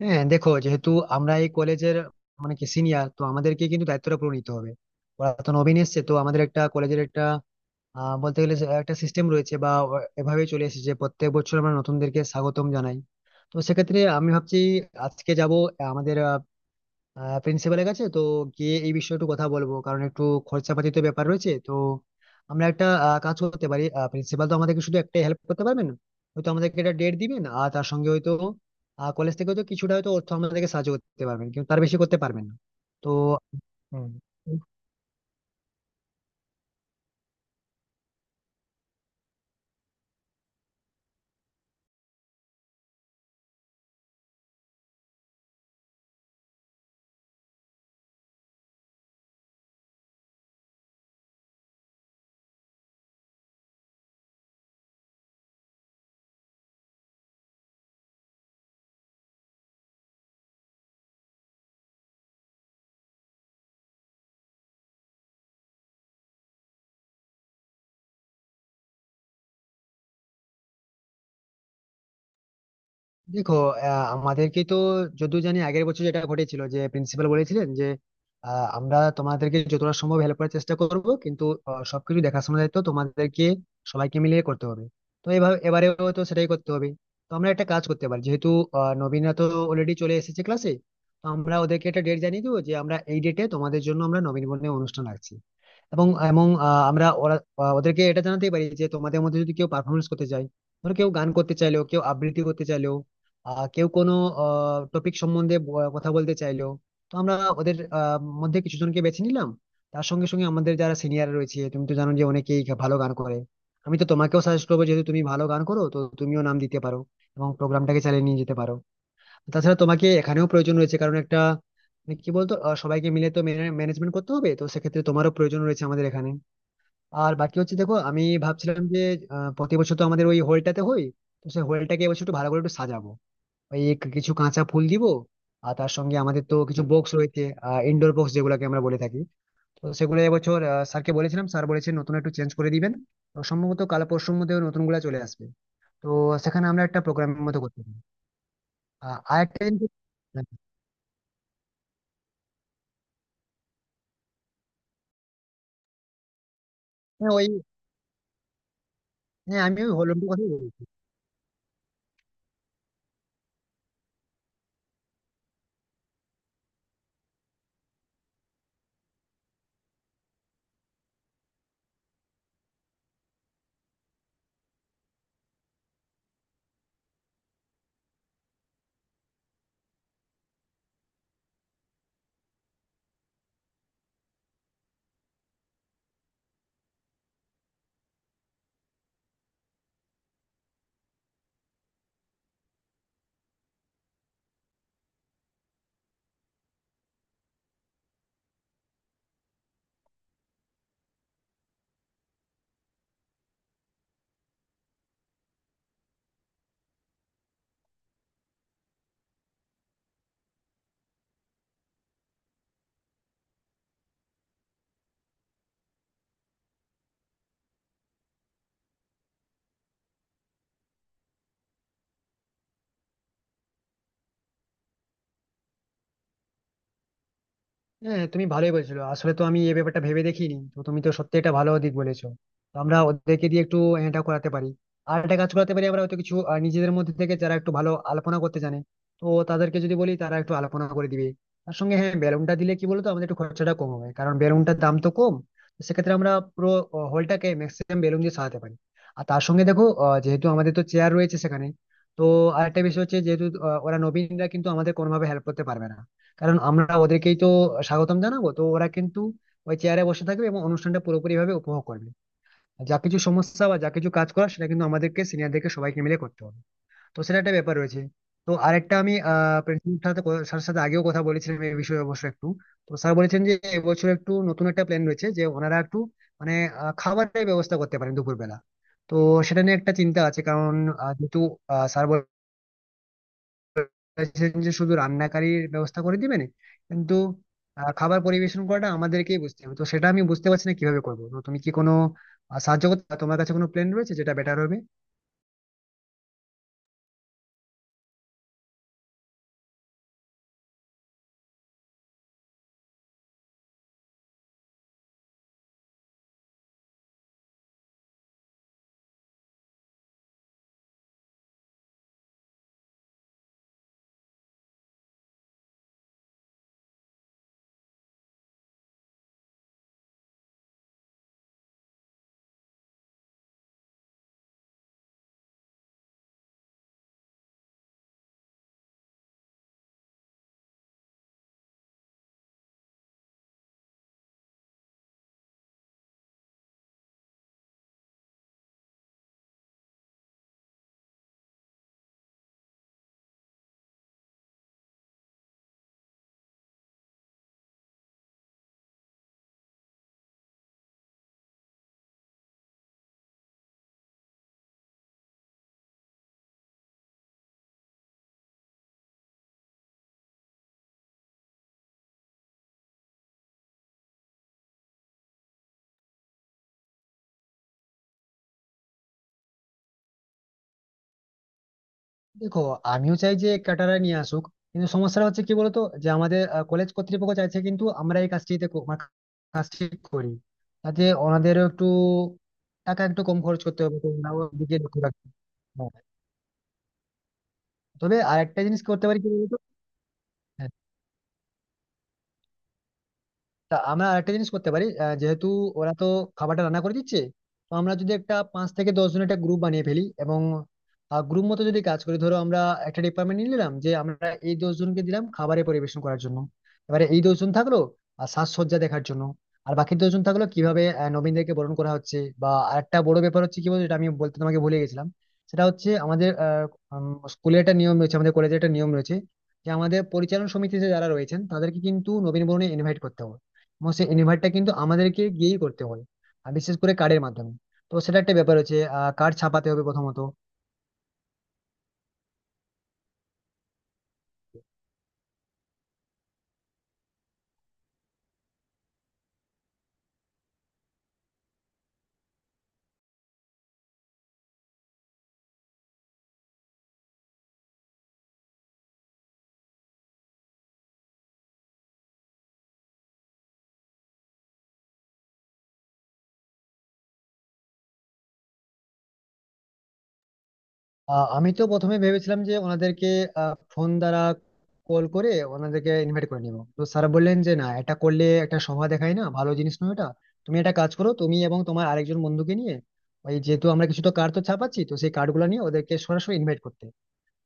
হ্যাঁ দেখো, যেহেতু আমরা এই কলেজের মানে কি সিনিয়র, তো আমাদেরকে কিন্তু দায়িত্বটা পুরো নিতে হবে। ওরা তো নবীন এসছে, তো আমাদের একটা কলেজের একটা বলতে গেলে যে একটা সিস্টেম রয়েছে বা এভাবেই চলে এসেছে যে প্রত্যেক বছর আমরা নতুনদেরকে স্বাগতম জানাই। তো সেক্ষেত্রে আমি ভাবছি, আজকে যাব আমাদের প্রিন্সিপালের কাছে, তো গিয়ে এই বিষয়ে একটু কথা বলবো, কারণ একটু খরচাপাতি তো ব্যাপার রয়েছে। তো আমরা একটা কাজ করতে পারি। প্রিন্সিপাল তো আমাদেরকে শুধু একটা হেল্প করতে পারবেন, হয়তো আমাদেরকে একটা ডেট দিবেন, আর তার সঙ্গে হয়তো কলেজ থেকে হয়তো কিছুটা হয়তো অর্থ আমাদেরকে সাহায্য করতে পারবেন, কিন্তু তার বেশি করতে পারবেন না। তো হুম। দেখো, আমাদেরকে তো যতদূর জানি আগের বছর যেটা ঘটেছিল, যে প্রিন্সিপাল বলেছিলেন যে আমরা তোমাদেরকে যতটা সম্ভব হেল্প করার চেষ্টা করব, কিন্তু সবকিছু দেখাশোনার দায়িত্ব তোমাদেরকে সবাইকে মিলিয়ে করতে হবে। তো এভাবে এবারেও তো সেটাই করতে হবে। তো আমরা একটা কাজ করতে পারি, যেহেতু নবীনরা তো অলরেডি চলে এসেছে ক্লাসে, তো আমরা ওদেরকে একটা ডেট জানিয়ে দেবো যে আমরা এই ডেটে তোমাদের জন্য আমরা নবীনবরণের অনুষ্ঠান রাখছি। এবং এবং আহ, আমরা ওরা আহ, ওদেরকে এটা জানাতেই পারি যে তোমাদের মধ্যে যদি কেউ পারফরমেন্স করতে চায়, ধরো কেউ গান করতে চাইলো, কেউ আবৃত্তি করতে চাইলো, কেউ কোনো টপিক সম্বন্ধে কথা বলতে চাইলো, তো আমরা ওদের মধ্যে কিছু জনকে বেছে নিলাম। তার সঙ্গে সঙ্গে আমাদের যারা সিনিয়র রয়েছে, তুমি তো জানো যে অনেকেই ভালো গান করে। আমি তো তোমাকেও সাজেস্ট করবো, যেহেতু তুমি ভালো গান করো, তো তুমিও নাম দিতে পারো এবং প্রোগ্রামটাকে চালিয়ে নিয়ে যেতে পারো। তাছাড়া তোমাকে এখানেও প্রয়োজন রয়েছে, কারণ একটা মানে কি বলতো, সবাইকে মিলে তো ম্যানেজমেন্ট করতে হবে, তো সেক্ষেত্রে তোমারও প্রয়োজন রয়েছে আমাদের এখানে। আর বাকি হচ্ছে, দেখো আমি ভাবছিলাম যে প্রতি বছর তো আমাদের ওই হলটাতে হয়, তো সেই হলটাকে এবছর একটু ভালো করে একটু সাজাবো। ওই কিছু কাঁচা ফুল দিব, আর তার সঙ্গে আমাদের তো কিছু বক্স রয়েছে, ইনডোর বক্স যেগুলোকে আমরা বলে থাকি। তো সেগুলো এবছর স্যারকে বলেছিলাম, স্যার বলেছেন নতুন একটু চেঞ্জ করে দিবেন, তো সম্ভবত কাল পরশুর মধ্যে ওই নতুনগুলা চলে আসবে। তো সেখানে আমরা একটা প্রোগ্রামের মতো করতে পারি। আর একটা জিনিস- হ্যাঁ, ওই। হ্যাঁ, আমিও হলুদটার কথাই বলছি। হ্যাঁ, তুমি ভালোই বলছো, আসলে তো আমি এই ব্যাপারটা ভেবে দেখিনি, তো তুমি তো সত্যি এটা ভালো দিক বলেছো। তো আমরা ওদেরকে দিয়ে একটু এটা করাতে পারি। আর একটা কাজ করাতে পারি, আমরা হয়তো কিছু নিজেদের মধ্যে থেকে যারা একটু ভালো আলপনা করতে জানে, তো তাদেরকে যদি বলি তারা একটু আলপনা করে দিবে। তার সঙ্গে হ্যাঁ, বেলুনটা দিলে কি বলতো আমাদের একটু খরচাটা কম হবে, কারণ বেলুনটার দাম তো কম। তো সেক্ষেত্রে আমরা পুরো হলটাকে ম্যাক্সিমাম বেলুন দিয়ে সাজাতে পারি। আর তার সঙ্গে দেখো, যেহেতু আমাদের তো চেয়ার রয়েছে সেখানে, তো আরেকটা বিষয় হচ্ছে, যেহেতু ওরা নবীনরা কিন্তু আমাদের কোনোভাবে হেল্প করতে পারবে না, কারণ আমরা ওদেরকেই তো স্বাগতম জানাবো, তো ওরা কিন্তু ওই চেয়ারে বসে থাকবে এবং অনুষ্ঠানটা পুরোপুরি ভাবে উপভোগ করবে। আর যা কিছু সমস্যা বা যা কিছু কাজ করার, সেটা কিন্তু আমাদেরকে সিনিয়রদেরকে সবাইকে মিলে করতে হবে। তো সেটা একটা ব্যাপার রয়েছে। তো আরেকটা, আমি প্রিন্সিপাল সাথে স্যারের সাথে আগেও কথা বলেছিলাম এই বিষয়ে অবশ্য একটু। তো স্যার বলেছেন যে এবছর একটু নতুন একটা প্ল্যান রয়েছে, যে ওনারা একটু মানে খাবারের ব্যবস্থা করতে পারেন দুপুরবেলা। তো সেটা নিয়ে একটা চিন্তা আছে, কারণ যেহেতু স্যার চাইছেন যে শুধু রান্নাকারীর ব্যবস্থা করে দিবেন, কিন্তু খাবার পরিবেশন করাটা আমাদেরকেই বুঝতে হবে, তো সেটা আমি বুঝতে পারছি না কিভাবে করবো। তো তুমি কি কোনো সাহায্য করতে তোমার কাছে কোনো প্ল্যান রয়েছে যেটা বেটার হবে? দেখো, আমিও চাই যে ক্যাটারার নিয়ে আসুক, কিন্তু সমস্যাটা হচ্ছে কি বলতো, যে আমাদের কলেজ কর্তৃপক্ষ চাইছে কিন্তু আমরা এই কাজটিতে মানে কাজটি করি, তাতে ওনাদেরও একটু টাকা একটু কম খরচ করতে হবে, তো ওনারাও দিকে লক্ষ্য রাখতে হবে। হ্যাঁ। তবে আরেকটা জিনিস করতে পারি কি বলতো। তা আমরা আরেকটা জিনিস করতে পারি, যেহেতু ওরা তো খাবারটা রান্না করে দিচ্ছে, তো আমরা যদি একটা 5 থেকে 10 জনের একটা গ্রুপ বানিয়ে ফেলি এবং গ্রুপ মতো যদি কাজ করি, ধরো আমরা একটা ডিপার্টমেন্ট নিয়ে নিলাম, যে আমরা এই 10 জনকে দিলাম খাবারের পরিবেশন করার জন্য, এবারে এই 10 জন থাকলো আর সাজসজ্জা দেখার জন্য, আর বাকি 10 জন থাকলো কিভাবে নবীনদেরকে বরণ করা হচ্ছে। বা আরেকটা বড় ব্যাপার হচ্ছে কি বলতো, এটা আমি বলতে তোমাকে ভুলে গেছিলাম, সেটা হচ্ছে আমাদের স্কুলে একটা নিয়ম রয়েছে, আমাদের কলেজে একটা নিয়ম রয়েছে, যে আমাদের পরিচালন সমিতিতে যারা রয়েছেন তাদেরকে কিন্তু নবীন বরণে ইনভাইট করতে হবে, এবং সেই ইনভার্টটা কিন্তু আমাদেরকে গিয়েই করতে হয়, আর বিশেষ করে কার্ডের মাধ্যমে। তো সেটা একটা ব্যাপার হচ্ছে, কার্ড ছাপাতে হবে প্রথমত। আমি তো প্রথমে ভেবেছিলাম যে ওনাদেরকে ফোন দ্বারা কল করে ওনাদেরকে ইনভাইট করে নিবো, তো স্যার বললেন যে না, এটা করলে একটা শোভা দেখায় না, ভালো জিনিস নয় এটা। তুমি একটা কাজ করো, তুমি এবং তোমার আরেকজন বন্ধুকে নিয়ে, ওই যেহেতু আমরা কিছু তো কার্ড তো ছাপাচ্ছি, তো সেই কার্ডগুলো নিয়ে ওদেরকে সরাসরি ইনভাইট করতে,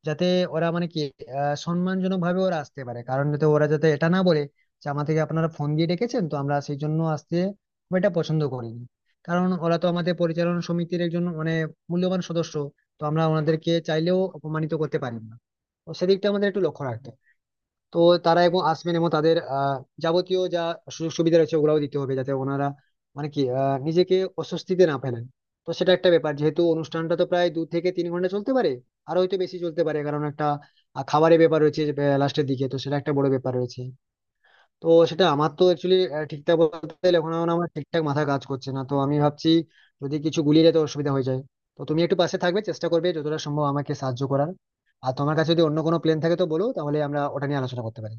যাতে ওরা মানে কি সম্মানজনক ভাবে ওরা আসতে পারে, কারণ যাতে ওরা যাতে এটা না বলে যে আমাদেরকে আপনারা ফোন দিয়ে ডেকেছেন তো আমরা সেই জন্য আসতে খুব একটা পছন্দ করিনি। কারণ ওরা তো আমাদের পরিচালনা সমিতির একজন মানে মূল্যবান সদস্য, তো আমরা ওনাদেরকে চাইলেও অপমানিত করতে পারি না, তো সেদিকটা আমাদের একটু লক্ষ্য রাখতে হবে। তো তারা এবং আসবেন এবং তাদের যাবতীয় যা সুযোগ সুবিধা রয়েছে ওগুলাও দিতে হবে, যাতে ওনারা মানে কি নিজেকে অস্বস্তিতে না ফেলেন। তো সেটা একটা ব্যাপার, যেহেতু অনুষ্ঠানটা তো প্রায় 2 থেকে 3 ঘন্টা চলতে পারে, আর হয়তো বেশি চলতে পারে, কারণ একটা খাবারের ব্যাপার রয়েছে লাস্টের দিকে, তো সেটা একটা বড় ব্যাপার রয়েছে। তো সেটা আমার তো অ্যাকচুয়ালি ঠিকঠাক বলতে গেলে এখন আমার ঠিকঠাক মাথা কাজ করছে না, তো আমি ভাবছি যদি কিছু গুলিয়ে যেতে অসুবিধা হয়ে যায়, তো তুমি একটু পাশে থাকবে, চেষ্টা করবে যতটা সম্ভব আমাকে সাহায্য করার। আর তোমার কাছে যদি অন্য কোনো প্ল্যান থাকে, তো বলো, তাহলে আমরা ওটা নিয়ে আলোচনা করতে পারি।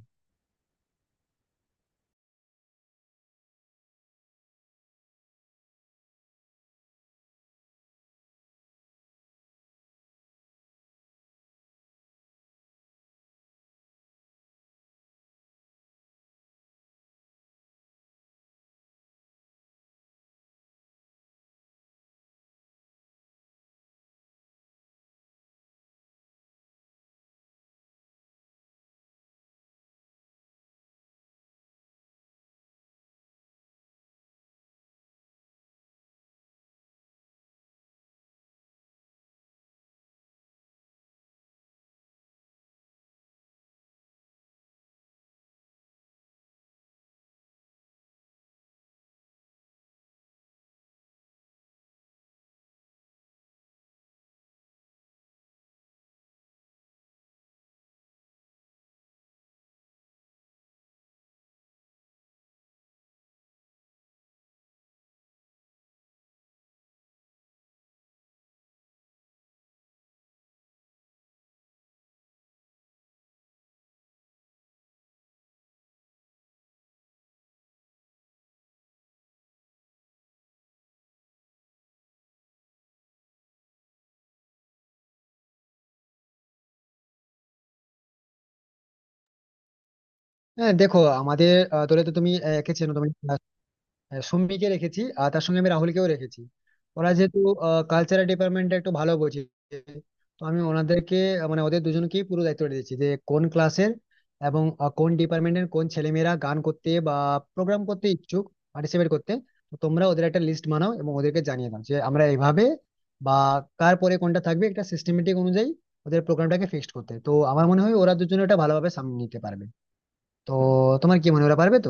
হ্যাঁ দেখো, আমাদের দলে তো তুমি একে চেনো, তুমি সৌমিককে রেখেছি আর তার সঙ্গে আমি রাহুলকেও রেখেছি। ওরা যেহেতু কালচারাল ডিপার্টমেন্টটা একটু ভালো বোঝে, তো আমি ওনাদেরকে মানে ওদের দুজনকেই পুরো দায়িত্ব দিয়েছি, যে কোন ক্লাসের এবং কোন ডিপার্টমেন্টের কোন ছেলেমেয়েরা গান করতে বা প্রোগ্রাম করতে ইচ্ছুক, পার্টিসিপেট করতে। তো তোমরা ওদের একটা লিস্ট বানাও এবং ওদেরকে জানিয়ে দাও যে আমরা এইভাবে বা কার পরে কোনটা থাকবে একটা সিস্টেমেটিক অনুযায়ী ওদের প্রোগ্রামটাকে ফিক্সড করতে। তো আমার মনে হয় ওরা দুজনে এটা ভালোভাবে সামনে নিতে পারবে। তো তোমার কি মনে হয় ওরা পারবে তো?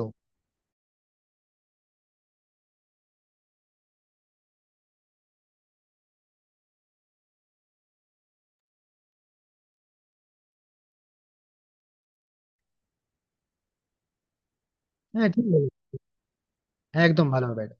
হ্যাঁ ঠিক বলেছো। হ্যাঁ একদম ভালো হবে এটা।